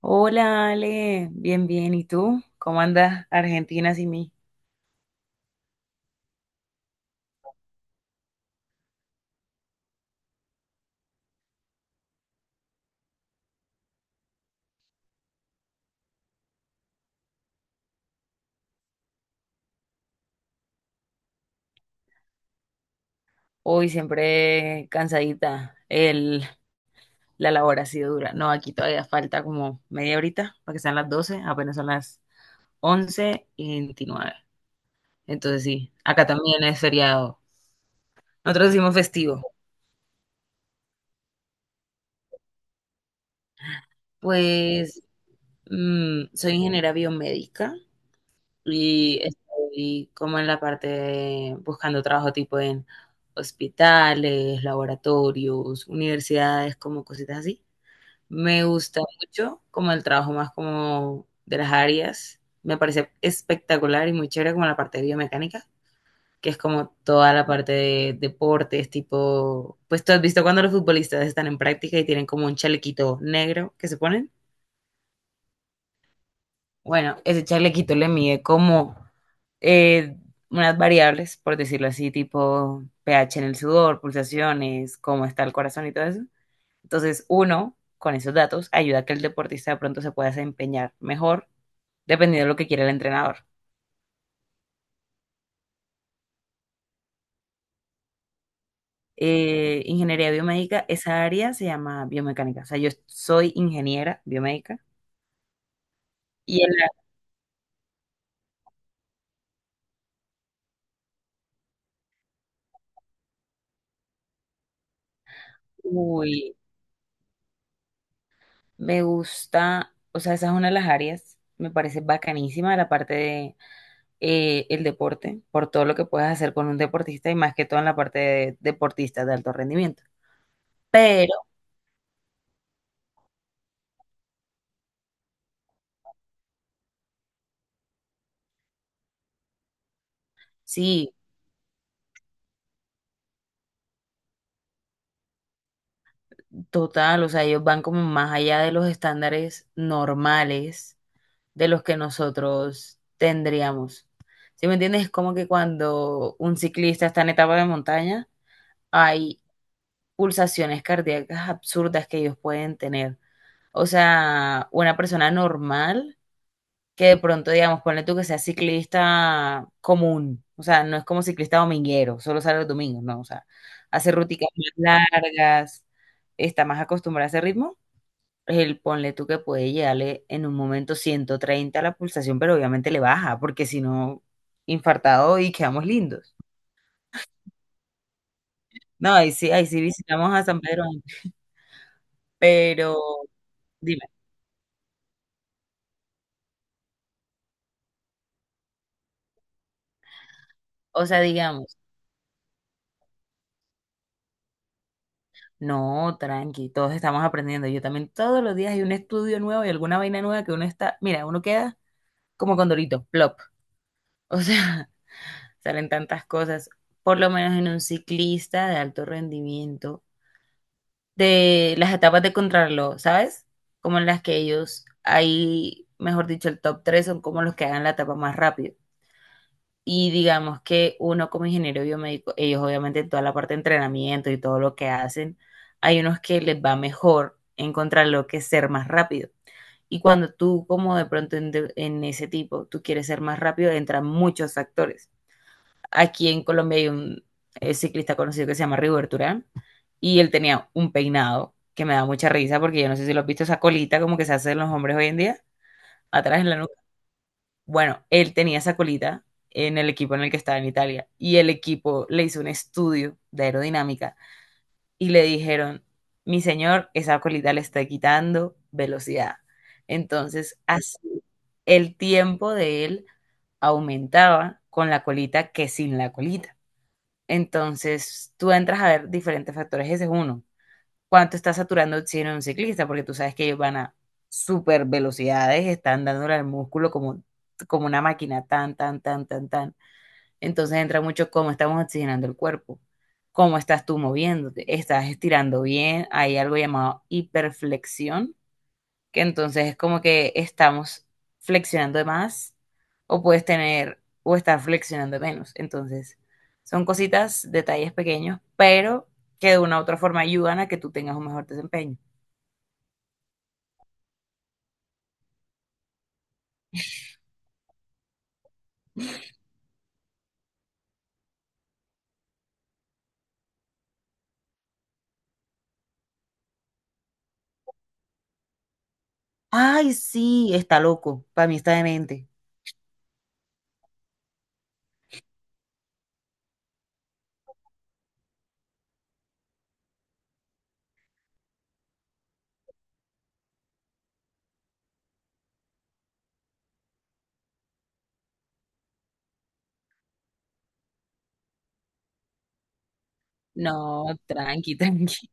Hola Ale, bien, bien. ¿Y tú? ¿Cómo andas Argentina sin mí? Hoy siempre cansadita. La labor ha sido dura. No, aquí todavía falta como media horita para que sean las 12. Apenas son las once y 29. Entonces sí, acá también es feriado. Nosotros decimos festivo. Pues soy ingeniera biomédica. Y estoy como en la parte de buscando trabajo tipo en hospitales, laboratorios, universidades, como cositas así. Me gusta mucho como el trabajo más como de las áreas. Me parece espectacular y muy chévere como la parte de biomecánica, que es como toda la parte de deportes, tipo, pues tú has visto cuando los futbolistas están en práctica y tienen como un chalequito negro que se ponen. Bueno, ese chalequito le mide como eh, unas variables, por decirlo así, tipo pH en el sudor, pulsaciones, cómo está el corazón y todo eso. Entonces, uno, con esos datos, ayuda a que el deportista de pronto se pueda desempeñar mejor, dependiendo de lo que quiera el entrenador. Ingeniería biomédica, esa área se llama biomecánica. O sea, yo soy ingeniera biomédica. Y en la- uy, me gusta, o sea, esa es una de las áreas, me parece bacanísima la parte de el deporte, por todo lo que puedes hacer con un deportista y más que todo en la parte de deportistas de alto rendimiento. Pero sí, total, o sea, ellos van como más allá de los estándares normales de los que nosotros tendríamos. ¿Sí me entiendes? Es como que cuando un ciclista está en etapa de montaña, hay pulsaciones cardíacas absurdas que ellos pueden tener. O sea, una persona normal que de pronto, digamos, ponle tú que sea ciclista común, o sea, no es como ciclista dominguero, solo sale los domingos, no, o sea, hace rúticas más largas, está más acostumbrado a ese ritmo, el ponle tú que puede llegarle en un momento 130 a la pulsación, pero obviamente le baja, porque si no, infartado y quedamos lindos. No, ahí sí visitamos a San Pedro, pero dime, o sea, digamos. No, tranqui, todos estamos aprendiendo. Yo también todos los días hay un estudio nuevo y alguna vaina nueva que uno está, mira, uno queda como con Condorito, plop. O sea, salen tantas cosas, por lo menos en un ciclista de alto rendimiento, de las etapas de contrarreloj, ¿sabes? Como en las que ellos, ahí, mejor dicho, el top 3 son como los que hagan la etapa más rápido. Y digamos que uno como ingeniero biomédico, ellos obviamente en toda la parte de entrenamiento y todo lo que hacen, hay unos que les va mejor encontrar lo que es ser más rápido. Y cuando tú como de pronto en ese tipo, tú quieres ser más rápido, entran muchos factores. Aquí en Colombia hay un ciclista conocido que se llama Rigoberto Urán, y él tenía un peinado que me da mucha risa porque yo no sé si lo has visto, esa colita como que se hacen los hombres hoy en día, atrás en la bueno, él tenía esa colita en el equipo en el que estaba en Italia, y el equipo le hizo un estudio de aerodinámica y le dijeron, mi señor, esa colita le está quitando velocidad. Entonces, así el tiempo de él aumentaba con la colita que sin la colita. Entonces, tú entras a ver diferentes factores, ese es uno: cuánto está saturando oxígeno un ciclista, porque tú sabes que ellos van a super velocidades, están dándole al músculo como, una máquina, tan, tan, tan, tan, tan. Entonces entra mucho cómo estamos oxigenando el cuerpo, cómo estás tú moviéndote, estás estirando bien, hay algo llamado hiperflexión, que entonces es como que estamos flexionando de más o puedes tener o estar flexionando de menos. Entonces, son cositas, detalles pequeños, pero que de una u otra forma ayudan a que tú tengas un mejor desempeño. Ay, sí, está loco. Para mí está demente. No, tranqui, tranqui.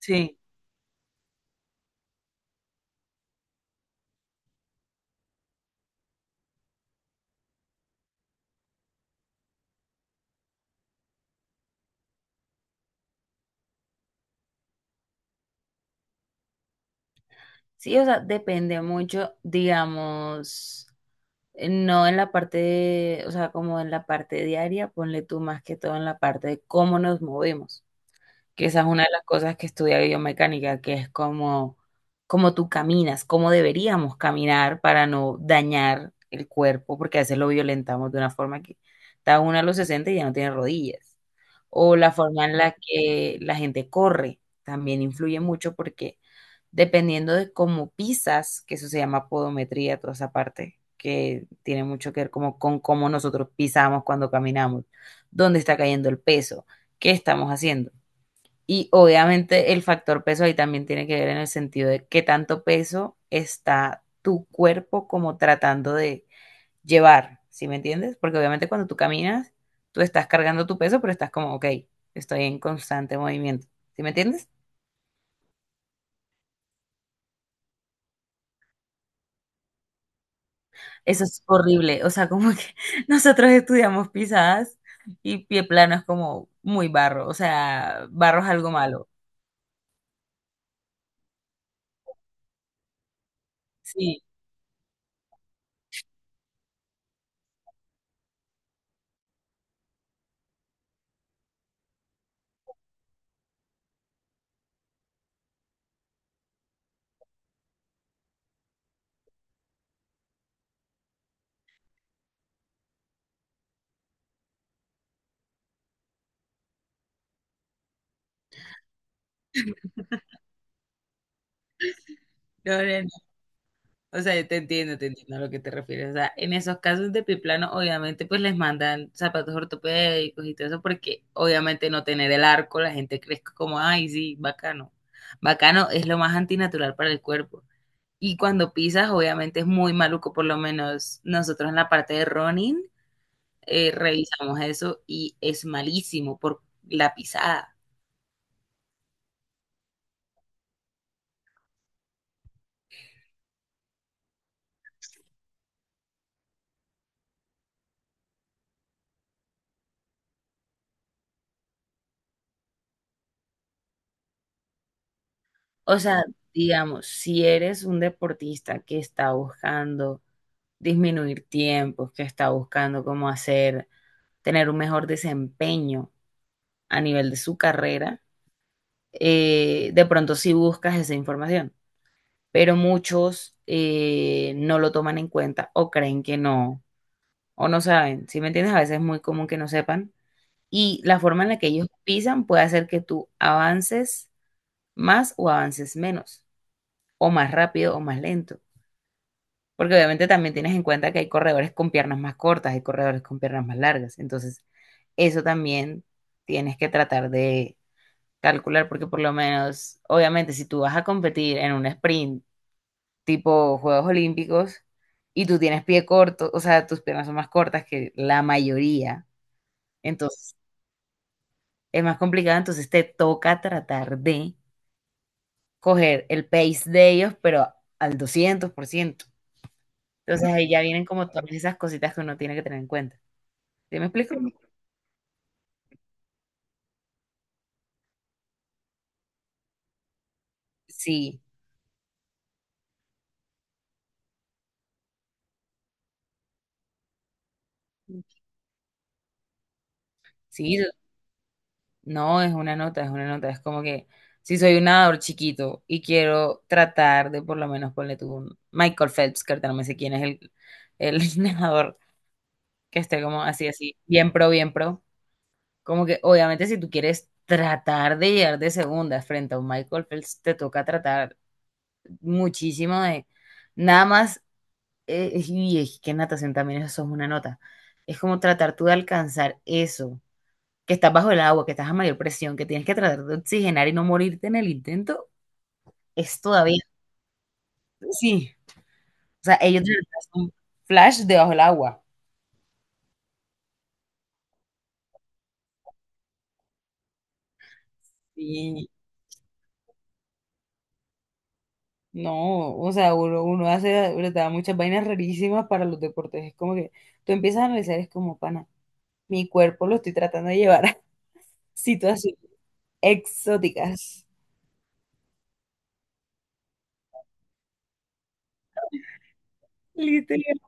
Sí. Sí, o sea, depende mucho, digamos, no en la parte, o sea, como en la parte diaria, ponle tú más que todo en la parte de cómo nos movemos. Que esa es una de las cosas que estudia biomecánica, que es como tú caminas, cómo deberíamos caminar para no dañar el cuerpo, porque a veces lo violentamos de una forma que está uno a los 60 y ya no tiene rodillas. O la forma en la que la gente corre también influye mucho, porque dependiendo de cómo pisas, que eso se llama podometría, toda esa parte, que tiene mucho que ver como con cómo nosotros pisamos cuando caminamos, dónde está cayendo el peso, qué estamos haciendo. Y obviamente el factor peso ahí también tiene que ver, en el sentido de qué tanto peso está tu cuerpo como tratando de llevar, ¿sí me entiendes? Porque obviamente cuando tú caminas, tú estás cargando tu peso, pero estás como, ok, estoy en constante movimiento, ¿sí me entiendes? Eso es horrible, o sea, como que nosotros estudiamos pisadas, y pie plano es como muy barro, o sea, barro es algo malo. Sí, no, no. O sea, yo te entiendo a lo que te refieres. O sea, en esos casos de piplano, obviamente, pues les mandan zapatos ortopédicos y todo eso, porque obviamente no tener el arco, la gente cree que como, ay, sí, bacano. Bacano es lo más antinatural para el cuerpo. Y cuando pisas, obviamente es muy maluco. Por lo menos nosotros en la parte de running, revisamos eso y es malísimo por la pisada. O sea, digamos, si eres un deportista que está buscando disminuir tiempos, que está buscando cómo hacer, tener un mejor desempeño a nivel de su carrera, de pronto sí buscas esa información, pero muchos no lo toman en cuenta o creen que no, o no saben, ¿si me entiendes? A veces es muy común que no sepan, y la forma en la que ellos pisan puede hacer que tú avances más o avances menos, o más rápido o más lento. Porque obviamente también tienes en cuenta que hay corredores con piernas más cortas, hay corredores con piernas más largas. Entonces, eso también tienes que tratar de calcular, porque por lo menos, obviamente, si tú vas a competir en un sprint tipo Juegos Olímpicos y tú tienes pie corto, o sea, tus piernas son más cortas que la mayoría, entonces es más complicado, entonces te toca tratar de coger el pace de ellos, pero al 200%. Entonces ahí ya vienen como todas esas cositas que uno tiene que tener en cuenta. ¿Sí me explico? Sí, sí, no, es una nota, es una nota. Es como que si soy un nadador chiquito y quiero tratar de por lo menos ponerle tú un Michael Phelps, que ahorita no me sé quién es el, nadador que esté como así, así, bien pro, bien pro. Como que obviamente si tú quieres tratar de llegar de segunda frente a un Michael Phelps, te toca tratar muchísimo de nada más. Y es que en natación también eso es una nota. Es como tratar tú de alcanzar eso, que estás bajo el agua, que estás a mayor presión, que tienes que tratar de oxigenar y no morirte en el intento, es todavía, sí, o sea, ellos tienen un flash debajo del agua. Y no, o sea, uno hace, verdad, muchas vainas rarísimas para los deportes. Es como que tú empiezas a analizar, es como, pana, mi cuerpo lo estoy tratando de llevar a situaciones exóticas. Literal.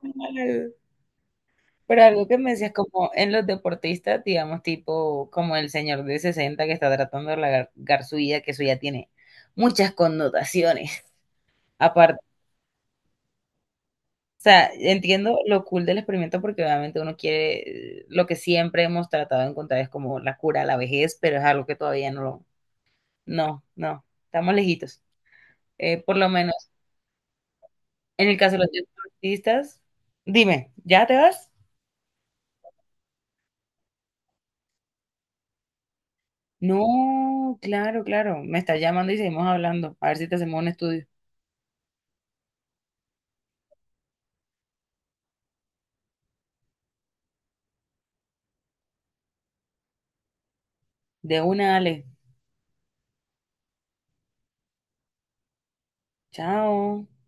Pero algo que me decías, como en los deportistas, digamos, tipo como el señor de 60 que está tratando de largar su vida, que eso ya tiene muchas connotaciones. Aparte, o sea, entiendo lo cool del experimento, porque obviamente uno quiere, lo que siempre hemos tratado de encontrar es como la cura a la vejez, pero es algo que todavía no lo, no, no, estamos lejitos. Por lo menos en el caso de los deportistas, dime, ¿ya te vas? No, claro, claro, me estás llamando y seguimos hablando, a ver si te hacemos un estudio. De una, Ale. Chao.